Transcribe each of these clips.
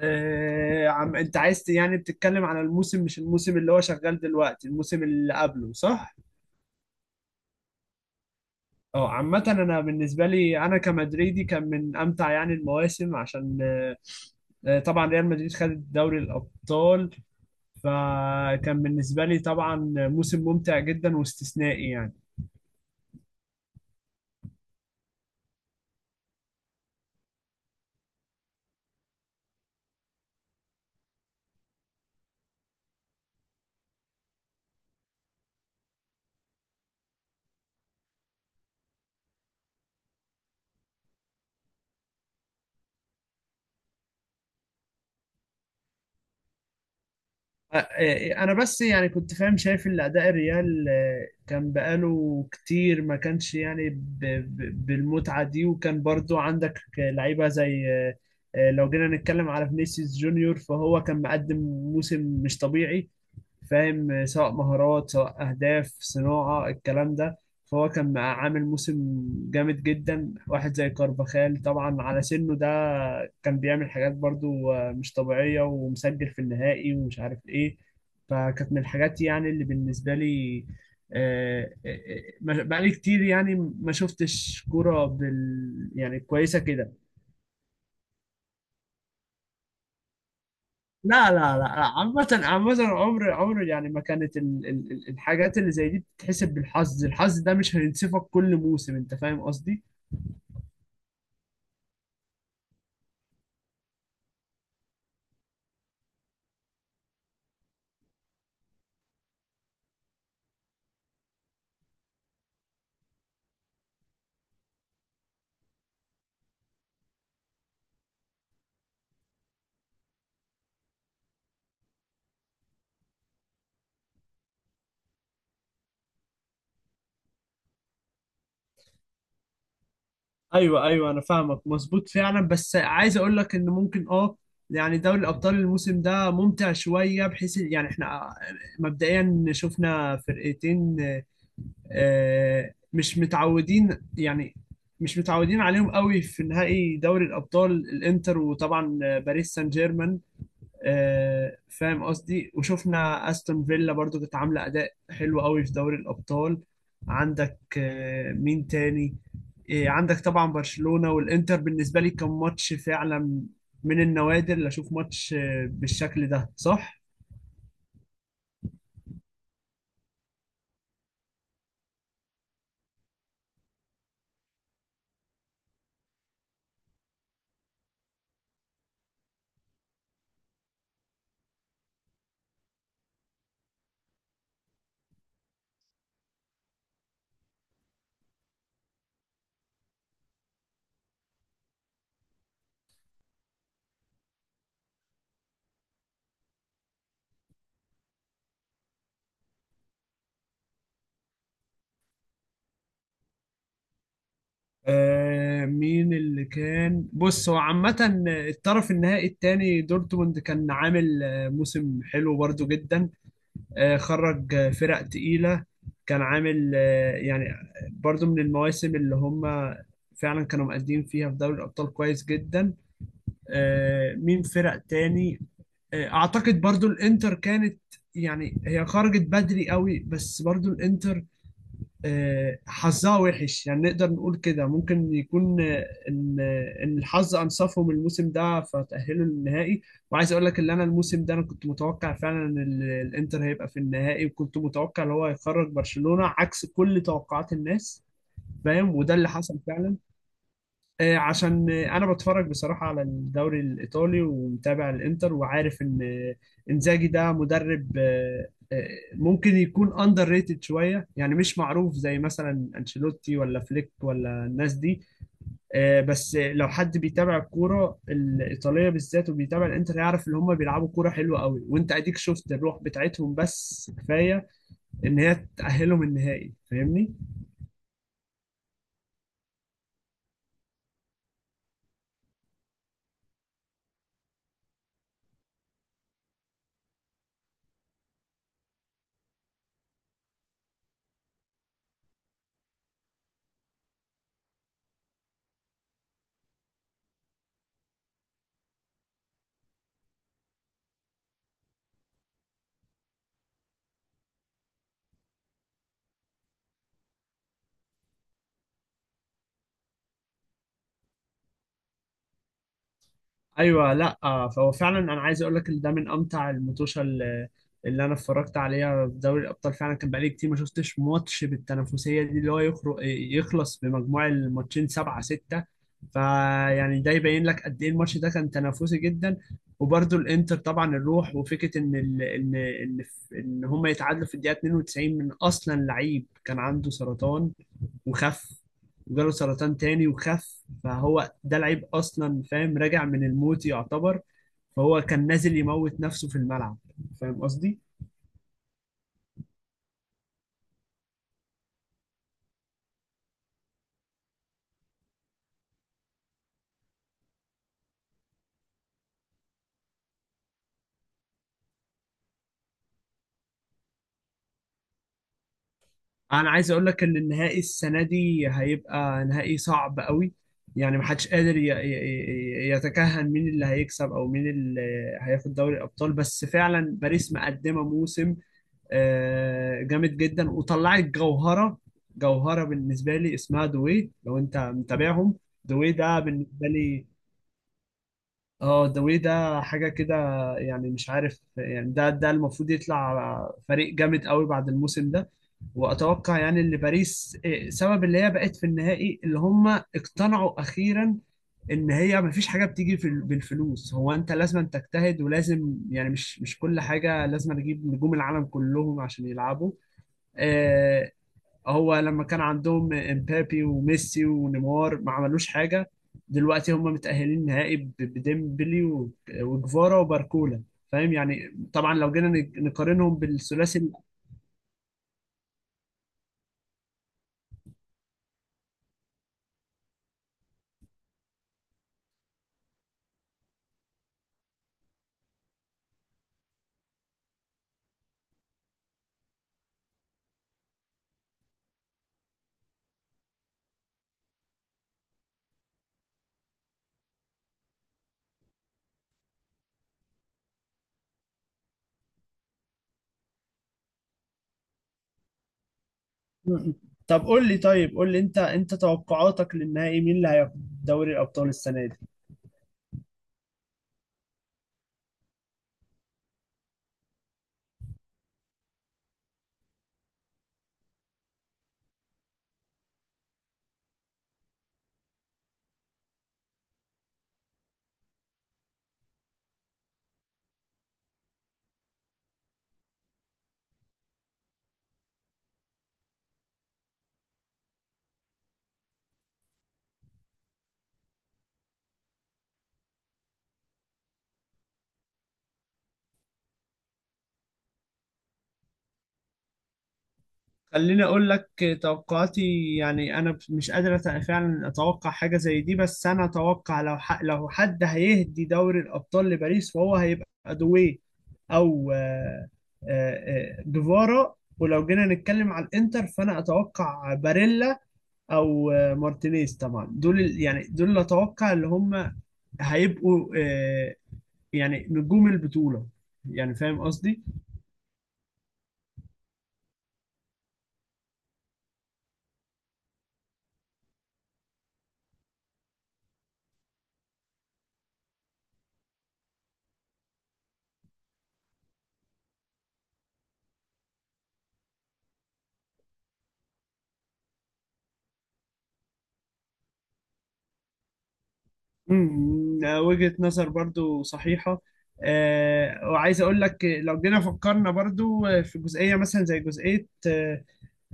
عم انت عايز بتتكلم على الموسم، مش الموسم اللي هو شغال دلوقتي، الموسم اللي قبله صح؟ اه، عامة انا بالنسبة لي انا كمدريدي كان من امتع يعني المواسم عشان طبعا ريال مدريد خد دوري الابطال، فكان بالنسبة لي طبعا موسم ممتع جدا واستثنائي يعني. انا بس يعني كنت فاهم شايف ان اداء الريال كان بقاله كتير ما كانش يعني بالمتعه دي، وكان برضو عندك لعيبه زي لو جينا نتكلم على فينيسيوس جونيور فهو كان مقدم موسم مش طبيعي، فاهم؟ سواء مهارات سواء أهداف صناعة الكلام ده. فهو كان عامل موسم جامد جدا. واحد زي كارفاخال طبعا على سنه ده كان بيعمل حاجات برضو مش طبيعية، ومسجل في النهائي ومش عارف إيه. فكانت من الحاجات يعني اللي بالنسبة لي آه، آه، بقالي كتير يعني ما شفتش كورة بال يعني كويسة كده. لا لا لا، عامة عامة، عمر عمر يعني ما كانت الحاجات اللي زي دي بتتحسب بالحظ. الحظ ده مش هينصفك كل موسم، انت فاهم قصدي. ايوه ايوه، انا فاهمك مظبوط فعلا، بس عايز اقول لك ان ممكن اه يعني دوري الابطال الموسم ده ممتع شوية، بحيث يعني احنا مبدئيا شفنا فرقتين مش متعودين يعني مش متعودين عليهم قوي في نهائي دوري الابطال: الانتر وطبعا باريس سان جيرمان. فاهم قصدي؟ وشفنا استون فيلا برضو كانت عامله اداء حلو قوي في دوري الابطال. عندك مين تاني؟ عندك طبعا برشلونه والانتر، بالنسبه لي كان ماتش فعلا من النوادر اللي اشوف ماتش بالشكل ده، صح؟ آه، مين اللي كان؟ بص هو عامة الطرف النهائي التاني دورتموند كان عامل موسم حلو برضو جدا، خرج فرق تقيلة. كان عامل يعني برضو من المواسم اللي هم فعلا كانوا مقدمين فيها في دوري الأبطال كويس جدا. مين فرق تاني؟ أعتقد برضو الإنتر كانت يعني هي خرجت بدري قوي، بس برضو الإنتر حظها وحش يعني، نقدر نقول كده ممكن يكون ان الحظ انصفهم الموسم ده فتأهلوا للنهائي. وعايز اقول لك ان انا الموسم ده انا كنت متوقع فعلا ان الانتر هيبقى في النهائي، وكنت متوقع ان هو هيخرج برشلونة عكس كل توقعات الناس، فاهم؟ وده اللي حصل فعلا. عشان انا بتفرج بصراحه على الدوري الايطالي ومتابع الانتر وعارف ان انزاجي ده مدرب ممكن يكون اندر ريتد شويه يعني، مش معروف زي مثلا انشيلوتي ولا فليك ولا الناس دي. بس لو حد بيتابع الكوره الايطاليه بالذات وبيتابع الانتر يعرف ان هم بيلعبوا كوره حلوه قوي، وانت اديك شفت الروح بتاعتهم، بس كفايه ان هي تاهلهم النهائي، فاهمني؟ ايوه لا فهو فعلا انا عايز اقول لك ان ده من امتع اللي انا اتفرجت عليها في دوري الابطال. فعلا كان بقالي كتير ما شفتش ماتش بالتنافسيه دي، اللي هو يخرج يخلص بمجموع الماتشين سبعة ستة. فيعني ده يبين لك قد ايه الماتش ده كان تنافسي جدا. وبرده الانتر طبعا الروح، وفكره ان ال... ان ان ان هم يتعادلوا في الدقيقه 92 من اصلا لعيب كان عنده سرطان وخف، وجاله سرطان تاني وخف، فهو ده العيب اصلا، فاهم؟ راجع من الموت يعتبر. فهو كان نازل يموت نفسه في الملعب، فاهم قصدي؟ انا عايز اقول لك ان النهائي السنه دي هيبقى نهائي صعب قوي، يعني محدش قادر يتكهن مين اللي هيكسب او مين اللي هياخد دوري الابطال. بس فعلا باريس مقدمه موسم جامد جدا، وطلعت جوهرة، جوهرة بالنسبة لي اسمها دوي لو انت متابعهم. دوي ده بالنسبة لي اه، دوي ده حاجة كده يعني، مش عارف يعني ده ده المفروض يطلع فريق جامد قوي بعد الموسم ده. واتوقع يعني ان باريس سبب اللي هي بقت في النهائي اللي هم اقتنعوا اخيرا ان هي ما فيش حاجه بالفلوس، هو انت لازم تجتهد ولازم يعني مش مش كل حاجه لازم تجيب نجوم العالم كلهم عشان يلعبوا. آه، هو لما كان عندهم امبابي وميسي ونيمار ما عملوش حاجة، دلوقتي هم متأهلين نهائي بديمبلي وجفارا وباركولا، فاهم يعني؟ طبعا لو جينا نقارنهم بالثلاثي طب قول لي، طيب قول لي انت انت توقعاتك للنهائي مين اللي هياخد دوري الأبطال السنة دي؟ خليني اقول لك توقعاتي، يعني انا مش قادر فعلا اتوقع حاجه زي دي، بس انا اتوقع لو لو حد هيهدي دوري الابطال لباريس فهو هيبقى دوي او آه، جيفارا. ولو جينا نتكلم على الانتر فانا اتوقع باريلا او مارتينيز. طبعا دول يعني دول اللي اتوقع اللي هم هيبقوا يعني نجوم البطوله، يعني فاهم قصدي؟ مم، وجهة نظر برضو صحيحة. وعايز أقول لك لو جينا فكرنا برضو في جزئية، مثلا زي جزئية آه،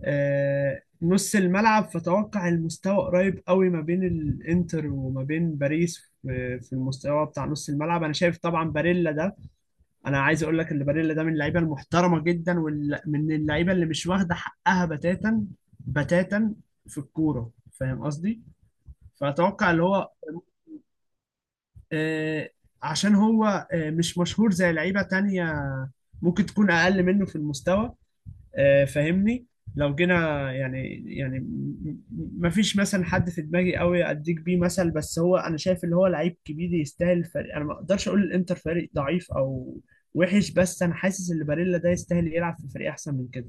آه، نص الملعب، فتوقع المستوى قريب قوي ما بين الإنتر وما بين باريس في في المستوى بتاع نص الملعب. أنا شايف طبعا باريلا ده، أنا عايز أقول لك إن باريلا ده من اللعيبة المحترمة جدا، ومن اللعيبة اللي مش واخدة حقها بتاتا بتاتا في الكورة، فاهم قصدي؟ فأتوقع اللي هو آه، عشان هو مش مشهور زي لعيبة تانية ممكن تكون أقل منه في المستوى، فاهمني؟ لو جينا يعني يعني مفيش مثلا حد في دماغي قوي أديك بيه مثل، بس هو أنا شايف اللي هو لعيب كبير يستاهل فريق، أنا ما أقدرش أقول الإنتر فريق ضعيف أو وحش، بس أنا حاسس إن باريلا ده يستاهل يلعب في فريق أحسن من كده.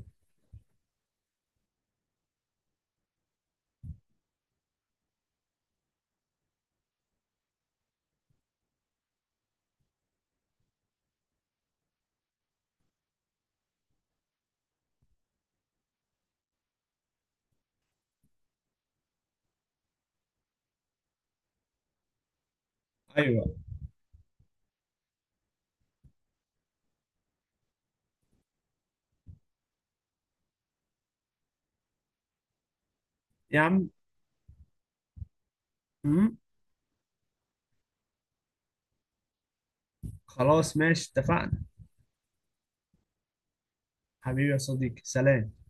ايوه يا عم. مم. خلاص ماشي اتفقنا. حبيبي يا صديقي، سلام.